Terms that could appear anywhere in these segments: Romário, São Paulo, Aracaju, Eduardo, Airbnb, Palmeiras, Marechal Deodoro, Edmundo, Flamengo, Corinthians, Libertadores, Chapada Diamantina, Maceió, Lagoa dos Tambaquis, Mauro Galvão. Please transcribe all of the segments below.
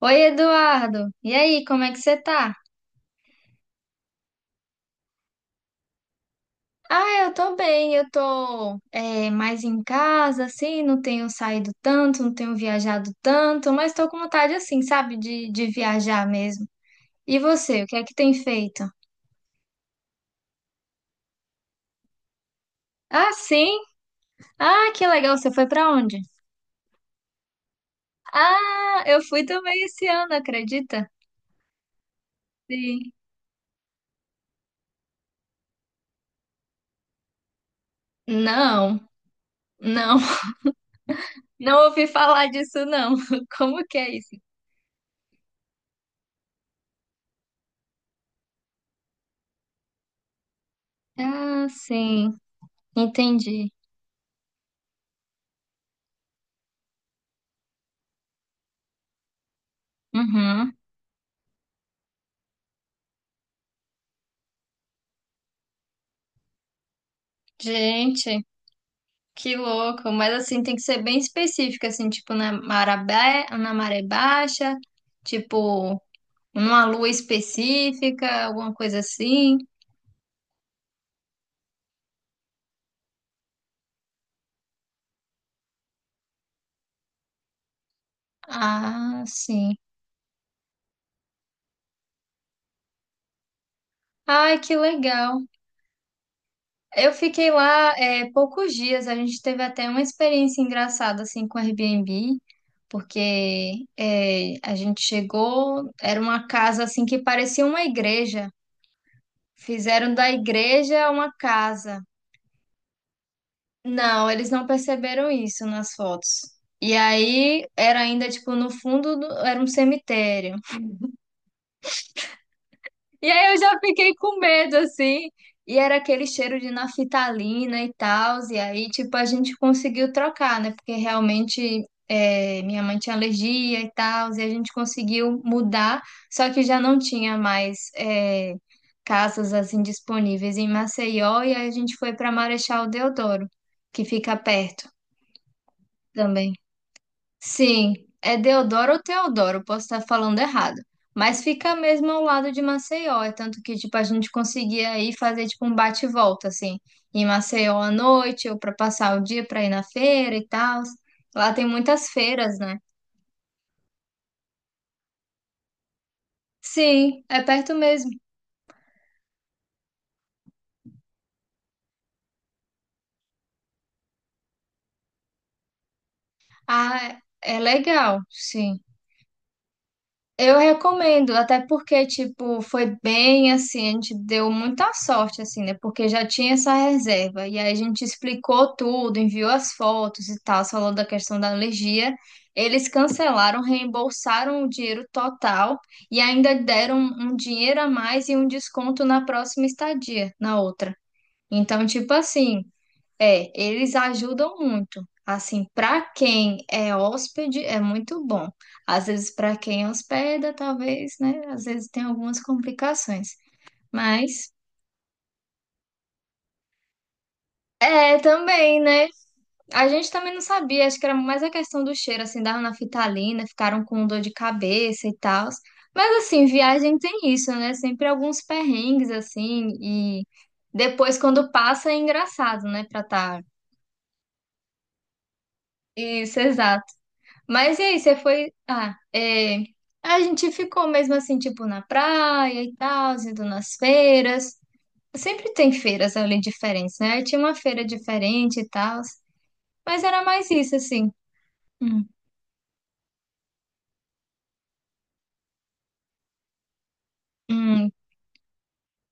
Oi, Eduardo. E aí, como é que você tá? Ah, eu tô bem, eu tô é, mais em casa, assim, não tenho saído tanto, não tenho viajado tanto, mas tô com vontade, assim, sabe, de viajar mesmo. E você, o que é que tem feito? Ah, sim? Ah, que legal, você foi pra onde? Ah, eu fui também esse ano, acredita? Sim. Não, não, não ouvi falar disso, não. Como que é isso? Ah, sim, entendi. Uhum. Gente. Que louco, mas assim tem que ser bem específico, assim, tipo na maré baixa, tipo numa lua específica, alguma coisa assim. Ah, sim. Ai, que legal. Eu fiquei lá é, poucos dias, a gente teve até uma experiência engraçada assim com o Airbnb, porque é, a gente chegou, era uma casa assim que parecia uma igreja. Fizeram da igreja uma casa. Não, eles não perceberam isso nas fotos. E aí era ainda tipo no fundo do- era um cemitério. E aí eu já fiquei com medo assim. E era aquele cheiro de naftalina e tal. E aí tipo a gente conseguiu trocar, né? Porque realmente é, minha mãe tinha alergia e tal. E a gente conseguiu mudar. Só que já não tinha mais é, casas assim disponíveis em Maceió. E aí a gente foi para Marechal Deodoro, que fica perto também. Sim, é Deodoro ou Teodoro, posso estar falando errado. Mas fica mesmo ao lado de Maceió, é tanto que tipo a gente conseguia aí fazer tipo um bate e volta assim, em Maceió à noite ou para passar o dia para ir na feira e tal. Lá tem muitas feiras, né? Sim, é perto mesmo. Ah, é legal, sim. Eu recomendo, até porque, tipo, foi bem assim, a gente deu muita sorte, assim, né? Porque já tinha essa reserva. E aí a gente explicou tudo, enviou as fotos e tal, falou da questão da alergia. Eles cancelaram, reembolsaram o dinheiro total e ainda deram um dinheiro a mais e um desconto na próxima estadia, na outra. Então, tipo assim. É, eles ajudam muito. Assim, para quem é hóspede, é muito bom. Às vezes, para quem hospeda, talvez, né? Às vezes tem algumas complicações. Mas é também, né? A gente também não sabia, acho que era mais a questão do cheiro, assim, da nafitalina, ficaram com dor de cabeça e tal. Mas assim, viagem tem isso, né? Sempre alguns perrengues, assim, e depois quando passa é engraçado, né? Pra tá. Isso, exato. Mas e aí, você foi. Ah, é, a gente ficou mesmo assim, tipo, na praia e tal, indo nas feiras. Sempre tem feiras ali diferentes, né? Aí tinha uma feira diferente e tal. Mas era mais isso, assim. Hum, hum,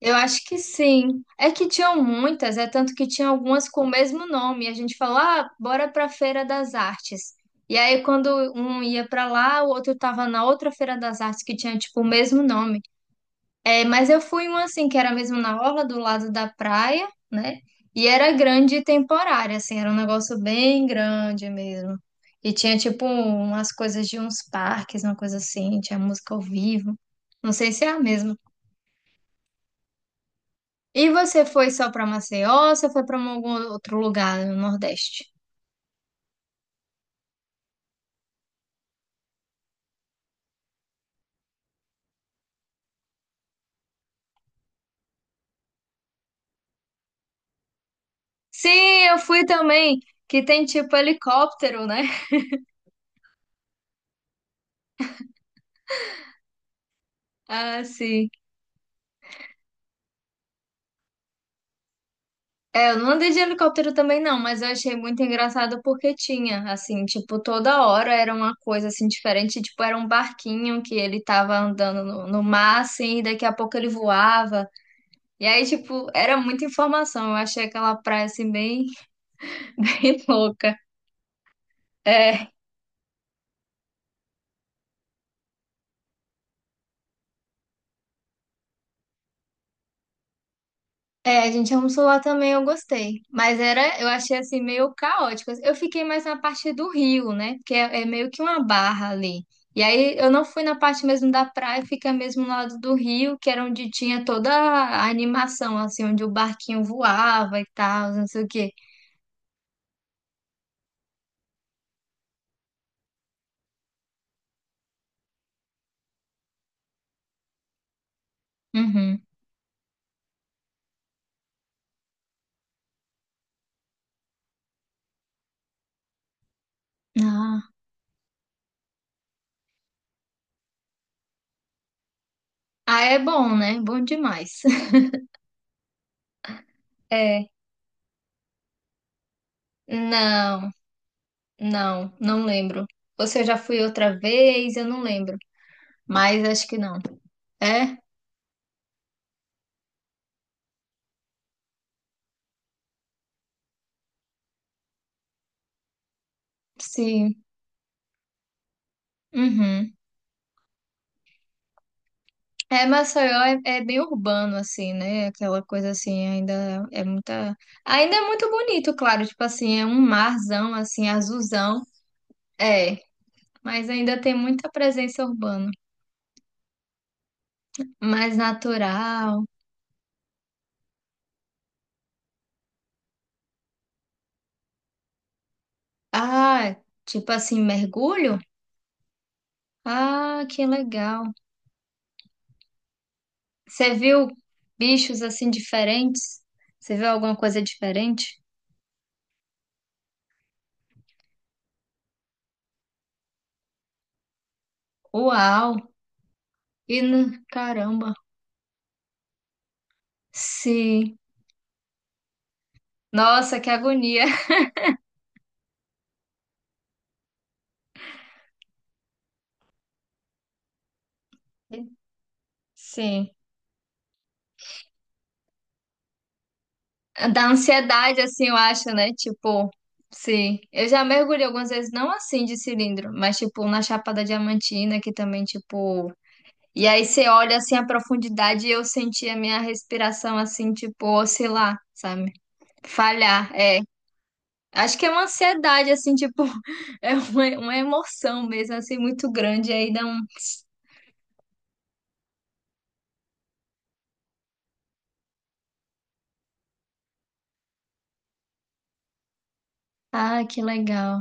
eu acho que sim. É que tinham muitas, é tanto que tinha algumas com o mesmo nome. A gente falou, ah, bora pra Feira das Artes. E aí, quando um ia pra lá, o outro tava na outra Feira das Artes que tinha, tipo, o mesmo nome. É, mas eu fui uma assim, que era mesmo na orla do lado da praia, né? E era grande e temporária, assim, era um negócio bem grande mesmo. E tinha, tipo, umas coisas de uns parques, uma coisa assim, tinha música ao vivo. Não sei se é a mesma. E você foi só pra Maceió ou você foi pra algum outro lugar no Nordeste? Sim, eu fui também, que tem, tipo, helicóptero, né? Ah, sim. É, eu não andei de helicóptero também não, mas eu achei muito engraçado porque tinha, assim, tipo, toda hora era uma coisa, assim, diferente, tipo, era um barquinho que ele tava andando no, no mar, assim, e daqui a pouco ele voava, e aí, tipo, era muita informação, eu achei aquela praia, assim, bem, bem louca. É, É, a gente almoçou lá também, eu gostei. Mas era, eu achei assim meio caótico. Eu fiquei mais na parte do rio, né? Que é, é meio que uma barra ali. E aí eu não fui na parte mesmo da praia, fica mesmo no lado do rio, que era onde tinha toda a animação, assim, onde o barquinho voava e tal, não sei o quê. Uhum. Ah. Ah, é bom, né? Bom demais. É. Não, não, não lembro. Ou se eu já fui outra vez, eu não lembro. Mas acho que não. É? Sim. Uhum. É, Maceió é, bem urbano, assim, né? Aquela coisa assim, ainda é muita. Ainda é muito bonito, claro, tipo assim, é um marzão, assim, azulzão. É, mas ainda tem muita presença urbana. Mais natural. Ah, tipo assim, mergulho? Ah, que legal. Você viu bichos assim diferentes? Você viu alguma coisa diferente? Uau! Caramba! Sim. Nossa, que agonia! Sim. Da ansiedade, assim, eu acho, né? Tipo, sim. Eu já mergulhei algumas vezes, não assim de cilindro, mas tipo na Chapada Diamantina, que também, tipo. E aí você olha assim a profundidade e eu senti a minha respiração assim, tipo, oscilar, sabe? Falhar, é. Acho que é uma ansiedade, assim, tipo, é uma emoção mesmo, assim, muito grande. E aí dá um. Ah, que legal.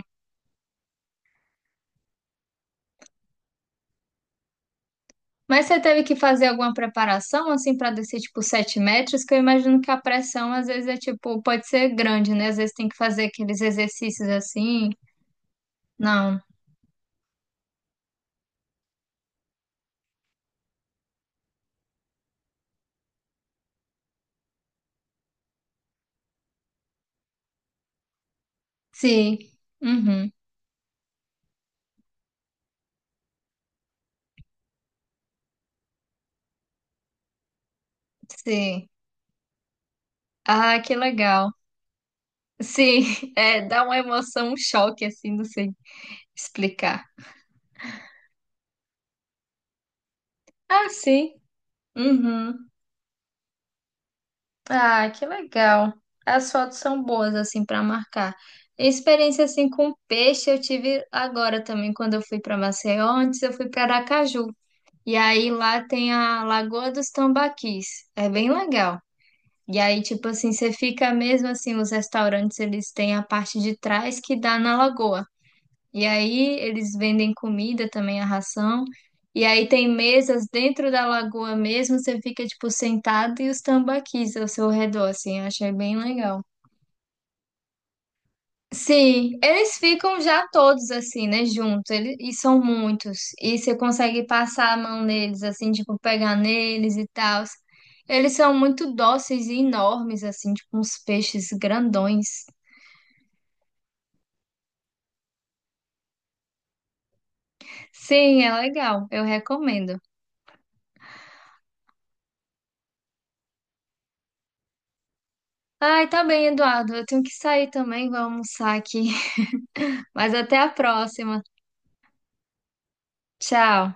Mas você teve que fazer alguma preparação, assim, para descer, tipo, 7 metros? Que eu imagino que a pressão, às vezes, é, tipo, pode ser grande, né? Às vezes tem que fazer aqueles exercícios assim. Não. Sim. Uhum. Sim. Ah, que legal. Sim. É, dá uma emoção, um choque, assim, não sei explicar. Ah, sim. Uhum. Ah, que legal. As fotos são boas assim para marcar. Experiência assim com peixe eu tive agora também quando eu fui para Maceió, antes eu fui para Aracaju. E aí lá tem a Lagoa dos Tambaquis. É bem legal. E aí tipo assim, você fica mesmo assim, os restaurantes eles têm a parte de trás que dá na lagoa. E aí eles vendem comida também, a ração. E aí tem mesas dentro da lagoa mesmo, você fica tipo sentado e os tambaquis ao seu redor, assim, eu achei bem legal. Sim, eles ficam já todos assim, né, juntos, eles, e são muitos. E você consegue passar a mão neles, assim, tipo, pegar neles e tal. Eles são muito dóceis e enormes, assim, tipo uns peixes grandões. Sim, é legal, eu recomendo. Ai, tá bem, Eduardo. Eu tenho que sair também, vou almoçar aqui. Mas até a próxima. Tchau.